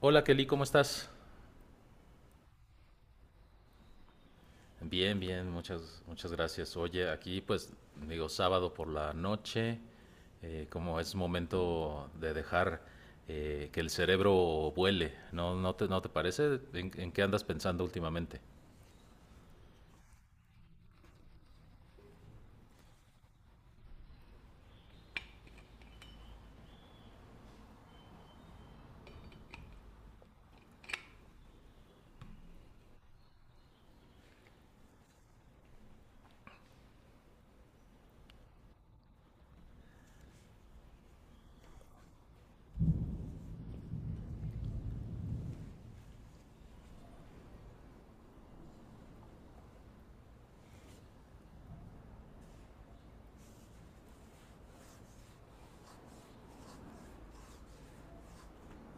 Hola Kelly, ¿cómo estás? Bien, bien, muchas, muchas gracias. Oye, aquí pues digo sábado por la noche, como es momento de dejar, que el cerebro vuele. ¿No, no te parece? ¿En qué andas pensando últimamente?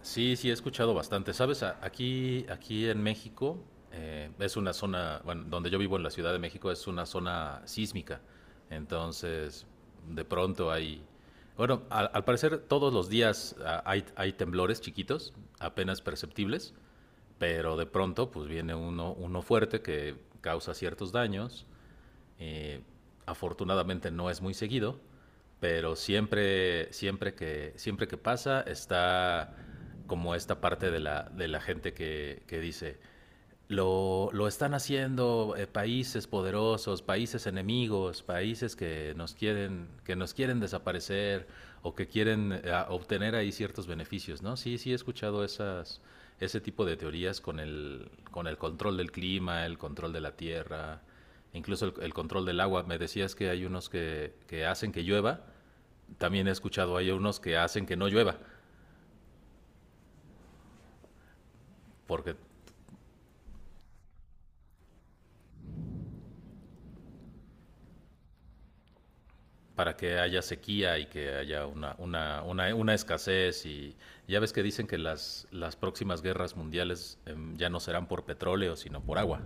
Sí, sí, he escuchado bastante. Sabes, aquí en México, es una zona, bueno, donde yo vivo en la Ciudad de México es una zona sísmica. Entonces, de pronto bueno, al parecer todos los días hay temblores chiquitos, apenas perceptibles, pero de pronto pues viene uno fuerte que causa ciertos daños. Eh, afortunadamente no es muy seguido, pero siempre que pasa está como esta parte de la gente que dice, lo están haciendo, países poderosos, países enemigos, países que nos quieren desaparecer o que quieren, obtener ahí ciertos beneficios, ¿no? Sí, sí, he escuchado ese tipo de teorías, con el control del clima, el control de la tierra, incluso el control del agua. Me decías que hay unos que hacen que llueva, también he escuchado hay unos que hacen que no llueva, porque para que haya sequía y que haya una escasez. Y ya ves que dicen que las próximas guerras mundiales, ya no serán por petróleo, sino por agua.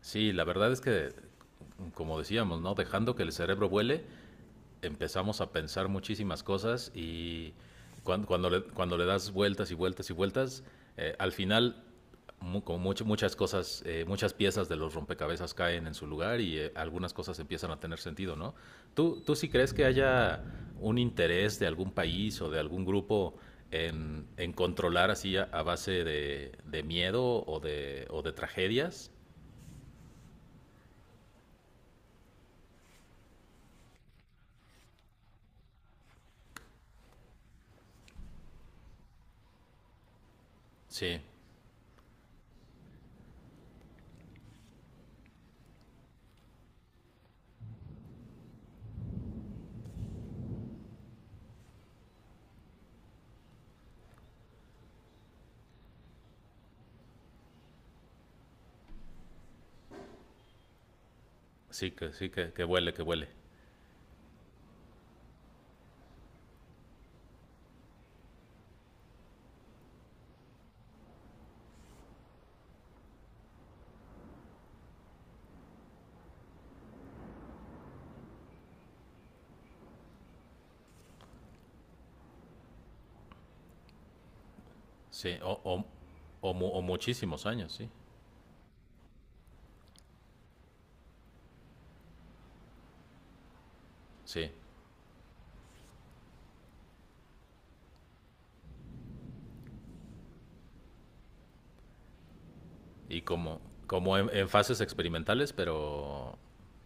Sí, la verdad es que, como decíamos, ¿no?, dejando que el cerebro vuele, empezamos a pensar muchísimas cosas. Y cuando le das vueltas y vueltas y vueltas, al final muchas cosas, muchas piezas de los rompecabezas caen en su lugar y, algunas cosas empiezan a tener sentido, ¿no? ¿Tú sí crees que haya un interés de algún país o de algún grupo en controlar así, a base de miedo o de tragedias? Sí, sí, sí que huele, que huele. Sí, o o muchísimos años, sí. Sí. Y como en fases experimentales, pero,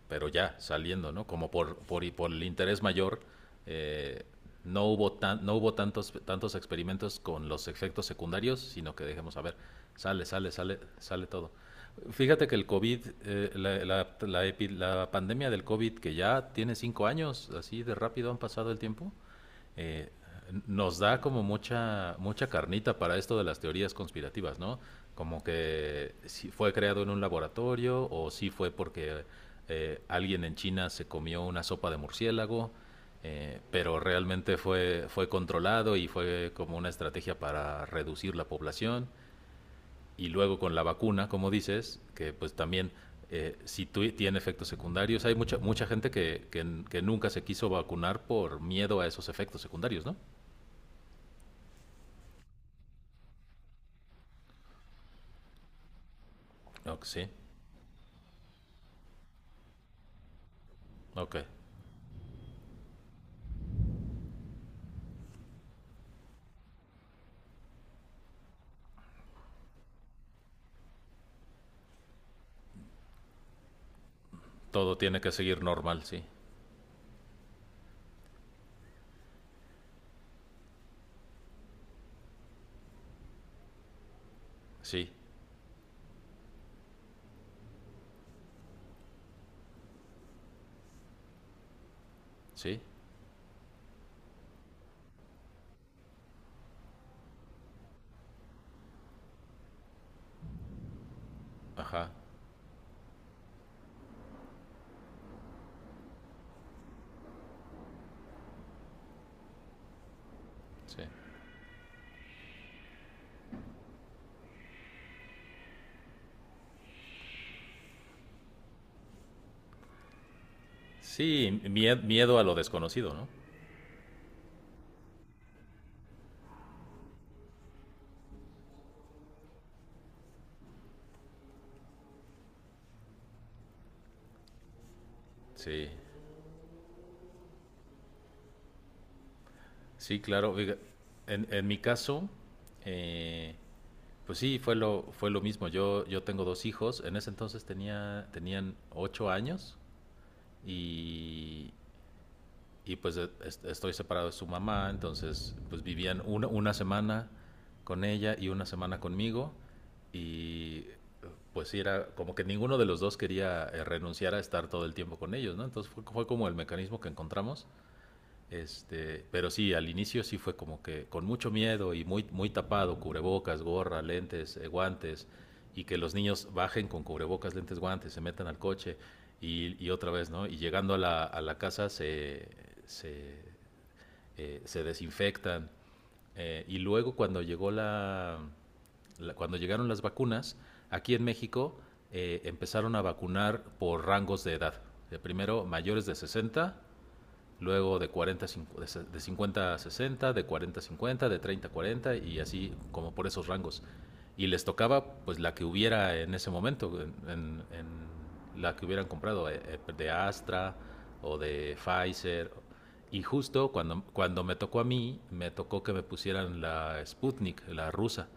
pero ya saliendo, ¿no? Como por el interés mayor, eh, no hubo tantos experimentos con los efectos secundarios, sino que dejemos, a ver, sale, sale, sale, sale todo. Fíjate que el COVID, la pandemia del COVID, que ya tiene 5 años, así de rápido han pasado el tiempo. eh, nos da como mucha, mucha carnita para esto de las teorías conspirativas, ¿no? Como que si fue creado en un laboratorio, o si fue porque, alguien en China se comió una sopa de murciélago, pero realmente fue controlado y fue como una estrategia para reducir la población. Y luego con la vacuna, como dices, que pues también, si tu- tiene efectos secundarios, hay mucha, mucha gente que nunca se quiso vacunar por miedo a esos efectos secundarios, ¿no? Ok, sí, ok. Todo tiene que seguir normal, sí. Sí, sí. Ajá, sí. Sí, miedo a lo desconocido, ¿no? Sí, sí, claro. Oiga, en mi caso, eh, pues sí, fue lo mismo. Yo tengo dos hijos. En ese entonces tenían 8 años, y, y pues estoy separado de su mamá, entonces pues vivían una semana con ella y una semana conmigo. Y pues sí, era como que ninguno de los dos quería, renunciar a estar todo el tiempo con ellos, ¿no? Entonces fue como el mecanismo que encontramos, pero sí, al inicio sí fue como que con mucho miedo y muy, muy tapado: cubrebocas, gorra, lentes, guantes, y que los niños bajen con cubrebocas, lentes, guantes, se metan al coche y otra vez, ¿no? Y llegando a la casa se, se desinfectan. Y luego cuando llegó la, la- cuando llegaron las vacunas, aquí en México, empezaron a vacunar por rangos de edad. Primero mayores de 60, luego de 40, de 50 a 60, de 40 a 50, de 30 a 40, y así como por esos rangos. Y les tocaba pues la que hubiera en ese momento, en la que hubieran comprado, de Astra o de Pfizer. Y justo cuando me tocó a mí, me tocó que me pusieran la Sputnik, la rusa.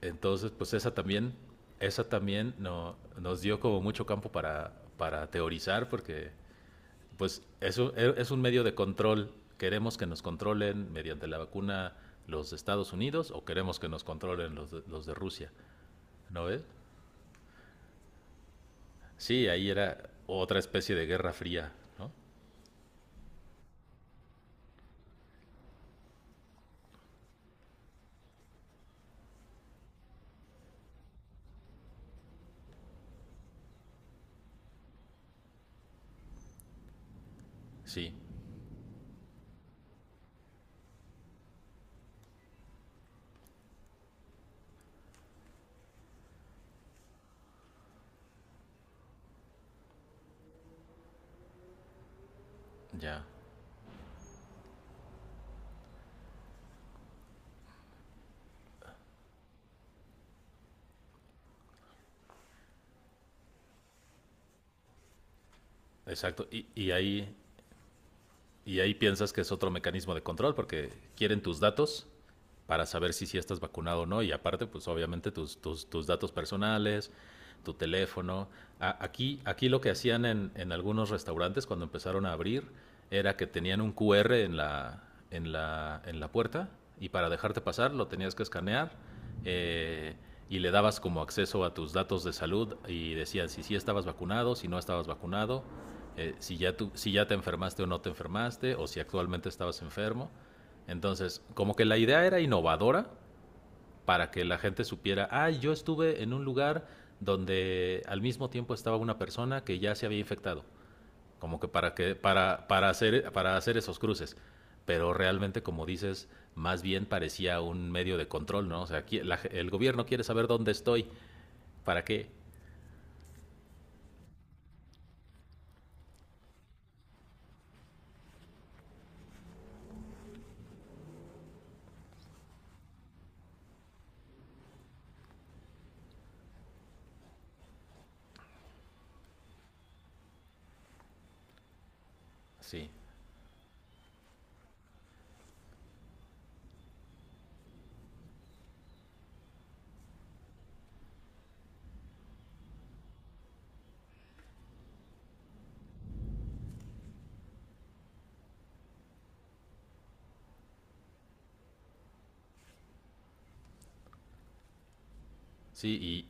Entonces pues esa también no, nos dio como mucho campo para teorizar, porque pues eso es un medio de control. Queremos que nos controlen mediante la vacuna los de Estados Unidos, o queremos que nos controlen los de Rusia, ¿no ves? Sí, ahí era otra especie de guerra fría, ¿no? Sí, ya, exacto. Y ahí piensas que es otro mecanismo de control, porque quieren tus datos para saber si estás vacunado o no. Y aparte, pues obviamente tus datos personales, tu teléfono. Aquí lo que hacían en algunos restaurantes cuando empezaron a abrir era que tenían un QR en la puerta, y para dejarte pasar lo tenías que escanear, eh, y le dabas como acceso a tus datos de salud, y decían si sí estabas vacunado, si no estabas vacunado, si ya te enfermaste o no te enfermaste, o si actualmente estabas enfermo. Entonces, como que la idea era innovadora, para que la gente supiera: ah, yo estuve en un lugar donde al mismo tiempo estaba una persona que ya se había infectado, como que para hacer esos cruces, pero realmente, como dices, más bien parecía un medio de control, ¿no? O sea, aquí el gobierno quiere saber dónde estoy, ¿para qué? Sí. Sí.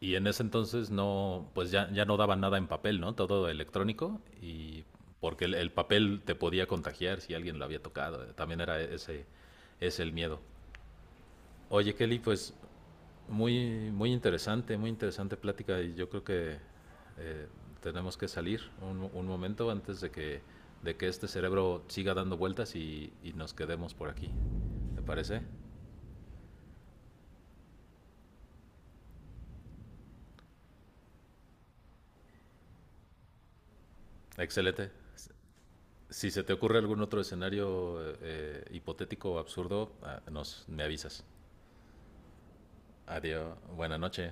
Y en ese entonces no, pues ya no daban nada en papel, ¿no? Todo electrónico. Y porque el papel te podía contagiar si alguien lo había tocado. También es el miedo. Oye, Kelly, pues muy, muy interesante plática, y yo creo que, eh, tenemos que salir un momento antes de que, este cerebro siga dando vueltas y nos quedemos por aquí. ¿Te parece? Excelente. Si se te ocurre algún otro escenario, hipotético o absurdo, me avisas. Adiós. Buena noche.